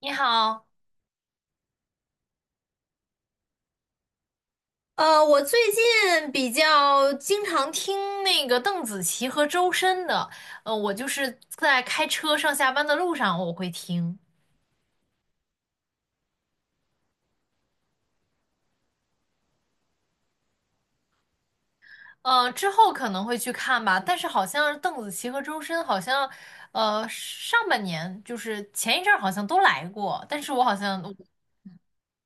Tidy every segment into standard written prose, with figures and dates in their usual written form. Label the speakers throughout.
Speaker 1: 你好，我最近比较经常听那个邓紫棋和周深的，我就是在开车上下班的路上我会听，之后可能会去看吧，但是好像邓紫棋和周深好像，上半年就是前一阵儿好像都来过，但是我好像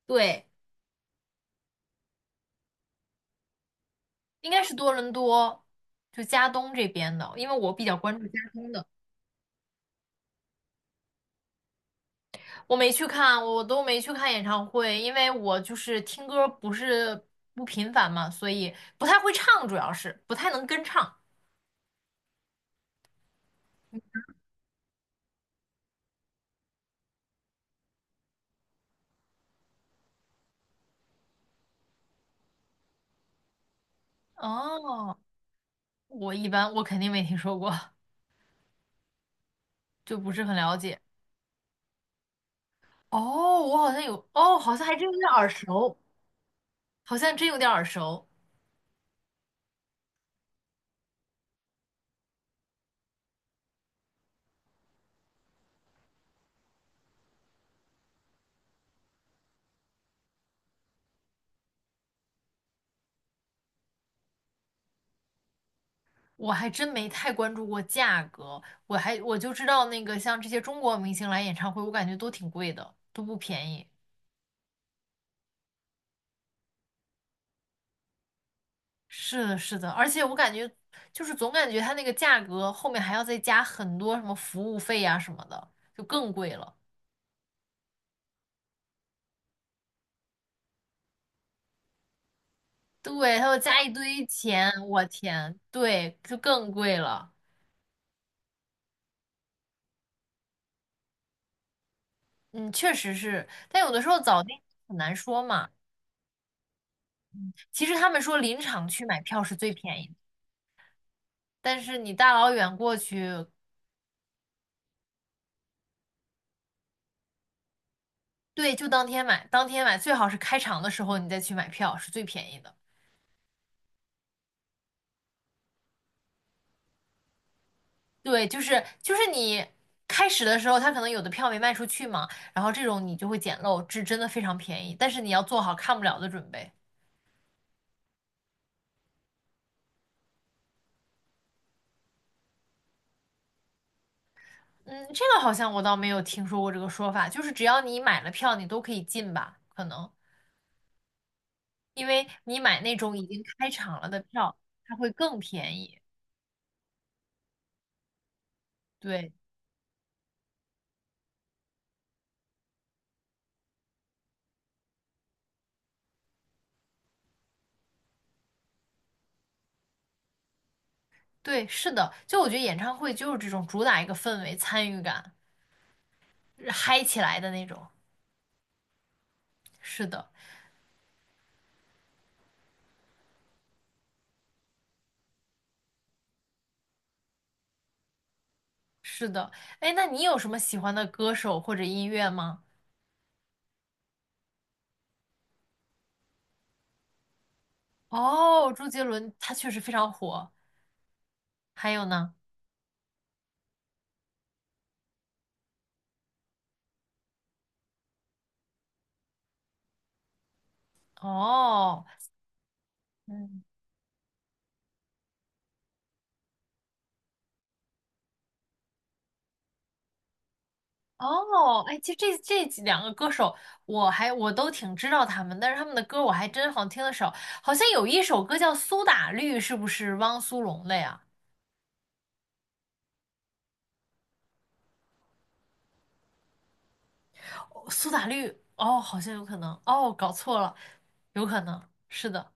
Speaker 1: 对，应该是多伦多，就加东这边的，因为我比较关注加东的。我没去看，我都没去看演唱会，因为我就是听歌不是不频繁嘛，所以不太会唱，主要是不太能跟唱。哦，我一般我肯定没听说过，就不是很了解。哦，我好像有，哦，好像还真有点耳熟，好像真有点耳熟。我还真没太关注过价格，我就知道那个像这些中国明星来演唱会，我感觉都挺贵的，都不便宜。是的，是的，而且我感觉就是总感觉它那个价格后面还要再加很多什么服务费呀、什么的，就更贵了。对，它要加一堆钱，我天，对，就更贵了。嗯，确实是，但有的时候早订很难说嘛。其实他们说临场去买票是最便宜的，但是你大老远过去，对，就当天买，当天买最好是开场的时候你再去买票是最便宜的。对，就是就是你开始的时候，他可能有的票没卖出去嘛，然后这种你就会捡漏，这真的非常便宜，但是你要做好看不了的准备。嗯，这个好像我倒没有听说过这个说法，就是只要你买了票，你都可以进吧？可能因为你买那种已经开场了的票，它会更便宜。对对，是的，就我觉得演唱会就是这种主打一个氛围、参与感，嗨起来的那种。是的，是的。哎，那你有什么喜欢的歌手或者音乐吗？哦，周杰伦他确实非常火。还有呢？哦，嗯，哦，哎，其实这几两个歌手，我都挺知道他们，但是他们的歌我还真好像听的少。好像有一首歌叫《苏打绿》，是不是汪苏泷的呀？哦苏打绿，哦，好像有可能，哦，搞错了，有可能是的。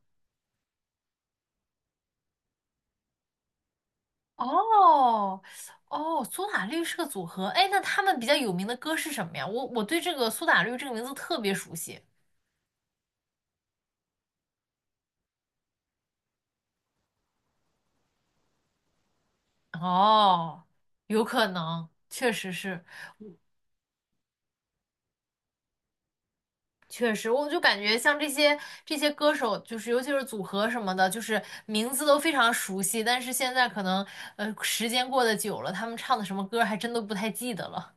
Speaker 1: 哦，哦，苏打绿是个组合，哎，那他们比较有名的歌是什么呀？我对这个苏打绿这个名字特别熟悉。哦，有可能，确实是，确实，我就感觉像这些歌手，就是尤其是组合什么的，就是名字都非常熟悉，但是现在可能时间过得久了，他们唱的什么歌还真都不太记得了。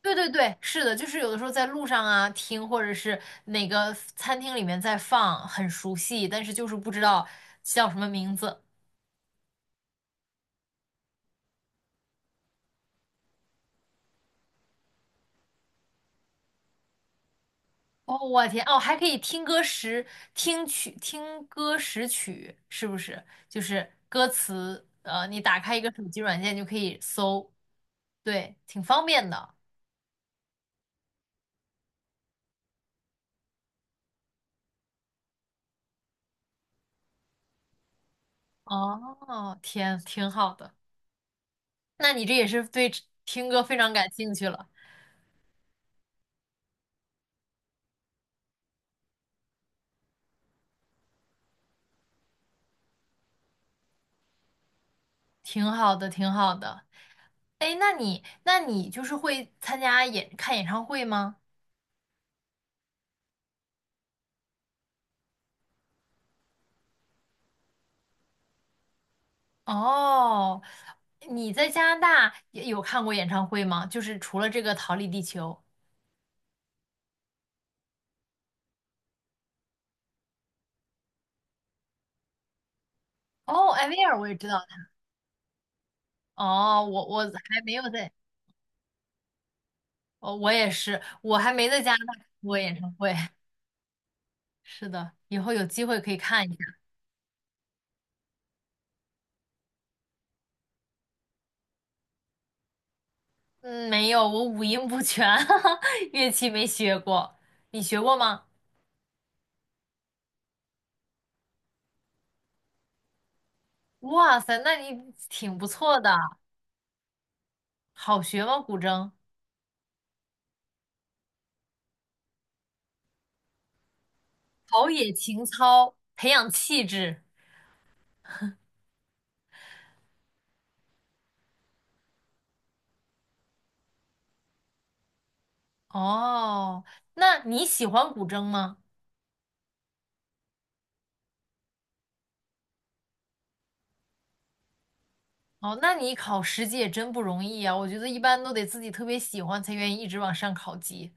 Speaker 1: 对对对，是的，就是有的时候在路上啊听，或者是哪个餐厅里面在放，很熟悉，但是就是不知道叫什么名字。哦，我天，哦，还可以听歌识，听曲，听歌识曲，是不是？就是歌词，你打开一个手机软件就可以搜，对，挺方便的。哦，天，挺好的。那你这也是对听歌非常感兴趣了，挺好的，挺好的。哎，那你，那你就是会参加演，看演唱会吗？哦，你在加拿大也有看过演唱会吗？就是除了这个《逃离地球》。哦，艾薇儿我也知道。哦，我还没有在，哦，我也是，我还没在加拿大看过演唱会。是的，以后有机会可以看一下。嗯，没有，我五音不全，乐器没学过。你学过吗？哇塞，那你挺不错的。好学吗？古筝，陶冶情操，培养气质。哦，那你喜欢古筝吗？哦，那你考10级也真不容易啊！我觉得一般都得自己特别喜欢才愿意一直往上考级。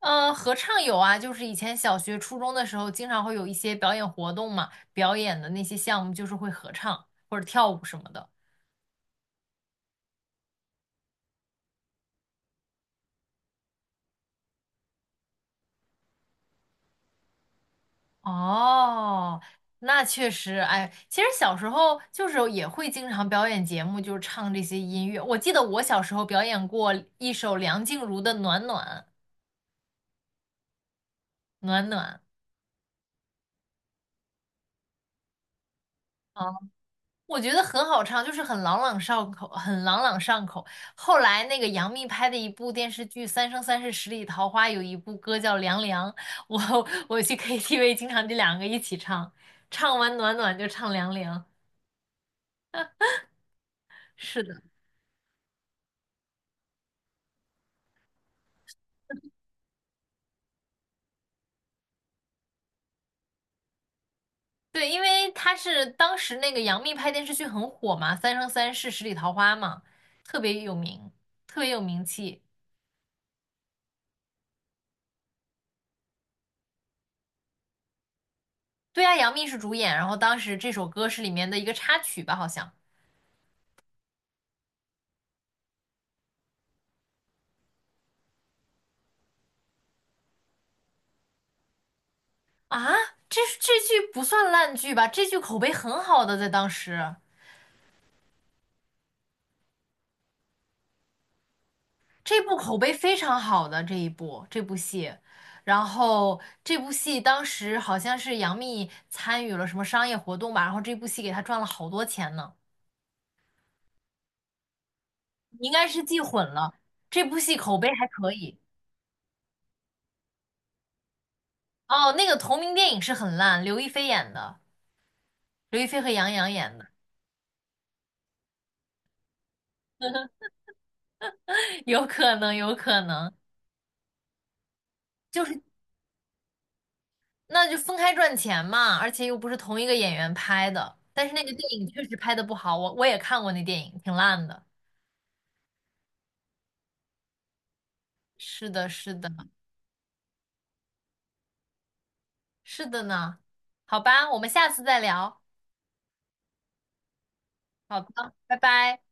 Speaker 1: 嗯，合唱有啊，就是以前小学、初中的时候，经常会有一些表演活动嘛，表演的那些项目就是会合唱或者跳舞什么的。哦，那确实，哎，其实小时候就是也会经常表演节目，就是唱这些音乐。我记得我小时候表演过一首梁静茹的《暖暖暖暖》。啊。我觉得很好唱，就是很朗朗上口，很朗朗上口。后来那个杨幂拍的一部电视剧《三生三世十里桃花》，有一部歌叫《凉凉》，我我去 KTV 经常这两个一起唱，唱完暖暖就唱凉凉。是的，对，因为他是当时那个杨幂拍电视剧很火嘛，《三生三世十里桃花》嘛，特别有名，特别有名气。对啊，杨幂是主演，然后当时这首歌是里面的一个插曲吧，好像。啊，这剧不算烂剧吧？这剧口碑很好的，在当时，这部口碑非常好的这部戏，然后这部戏当时好像是杨幂参与了什么商业活动吧，然后这部戏给她赚了好多钱呢。你应该是记混了，这部戏口碑还可以。哦，那个同名电影是很烂，刘亦菲演的，刘亦菲和杨洋演的，有可能，有可能。就是。那就分开赚钱嘛，而且又不是同一个演员拍的。但是那个电影确实拍的不好，我也看过那电影，挺烂的。是的，是的，是的呢。好吧，我们下次再聊。好的，拜拜。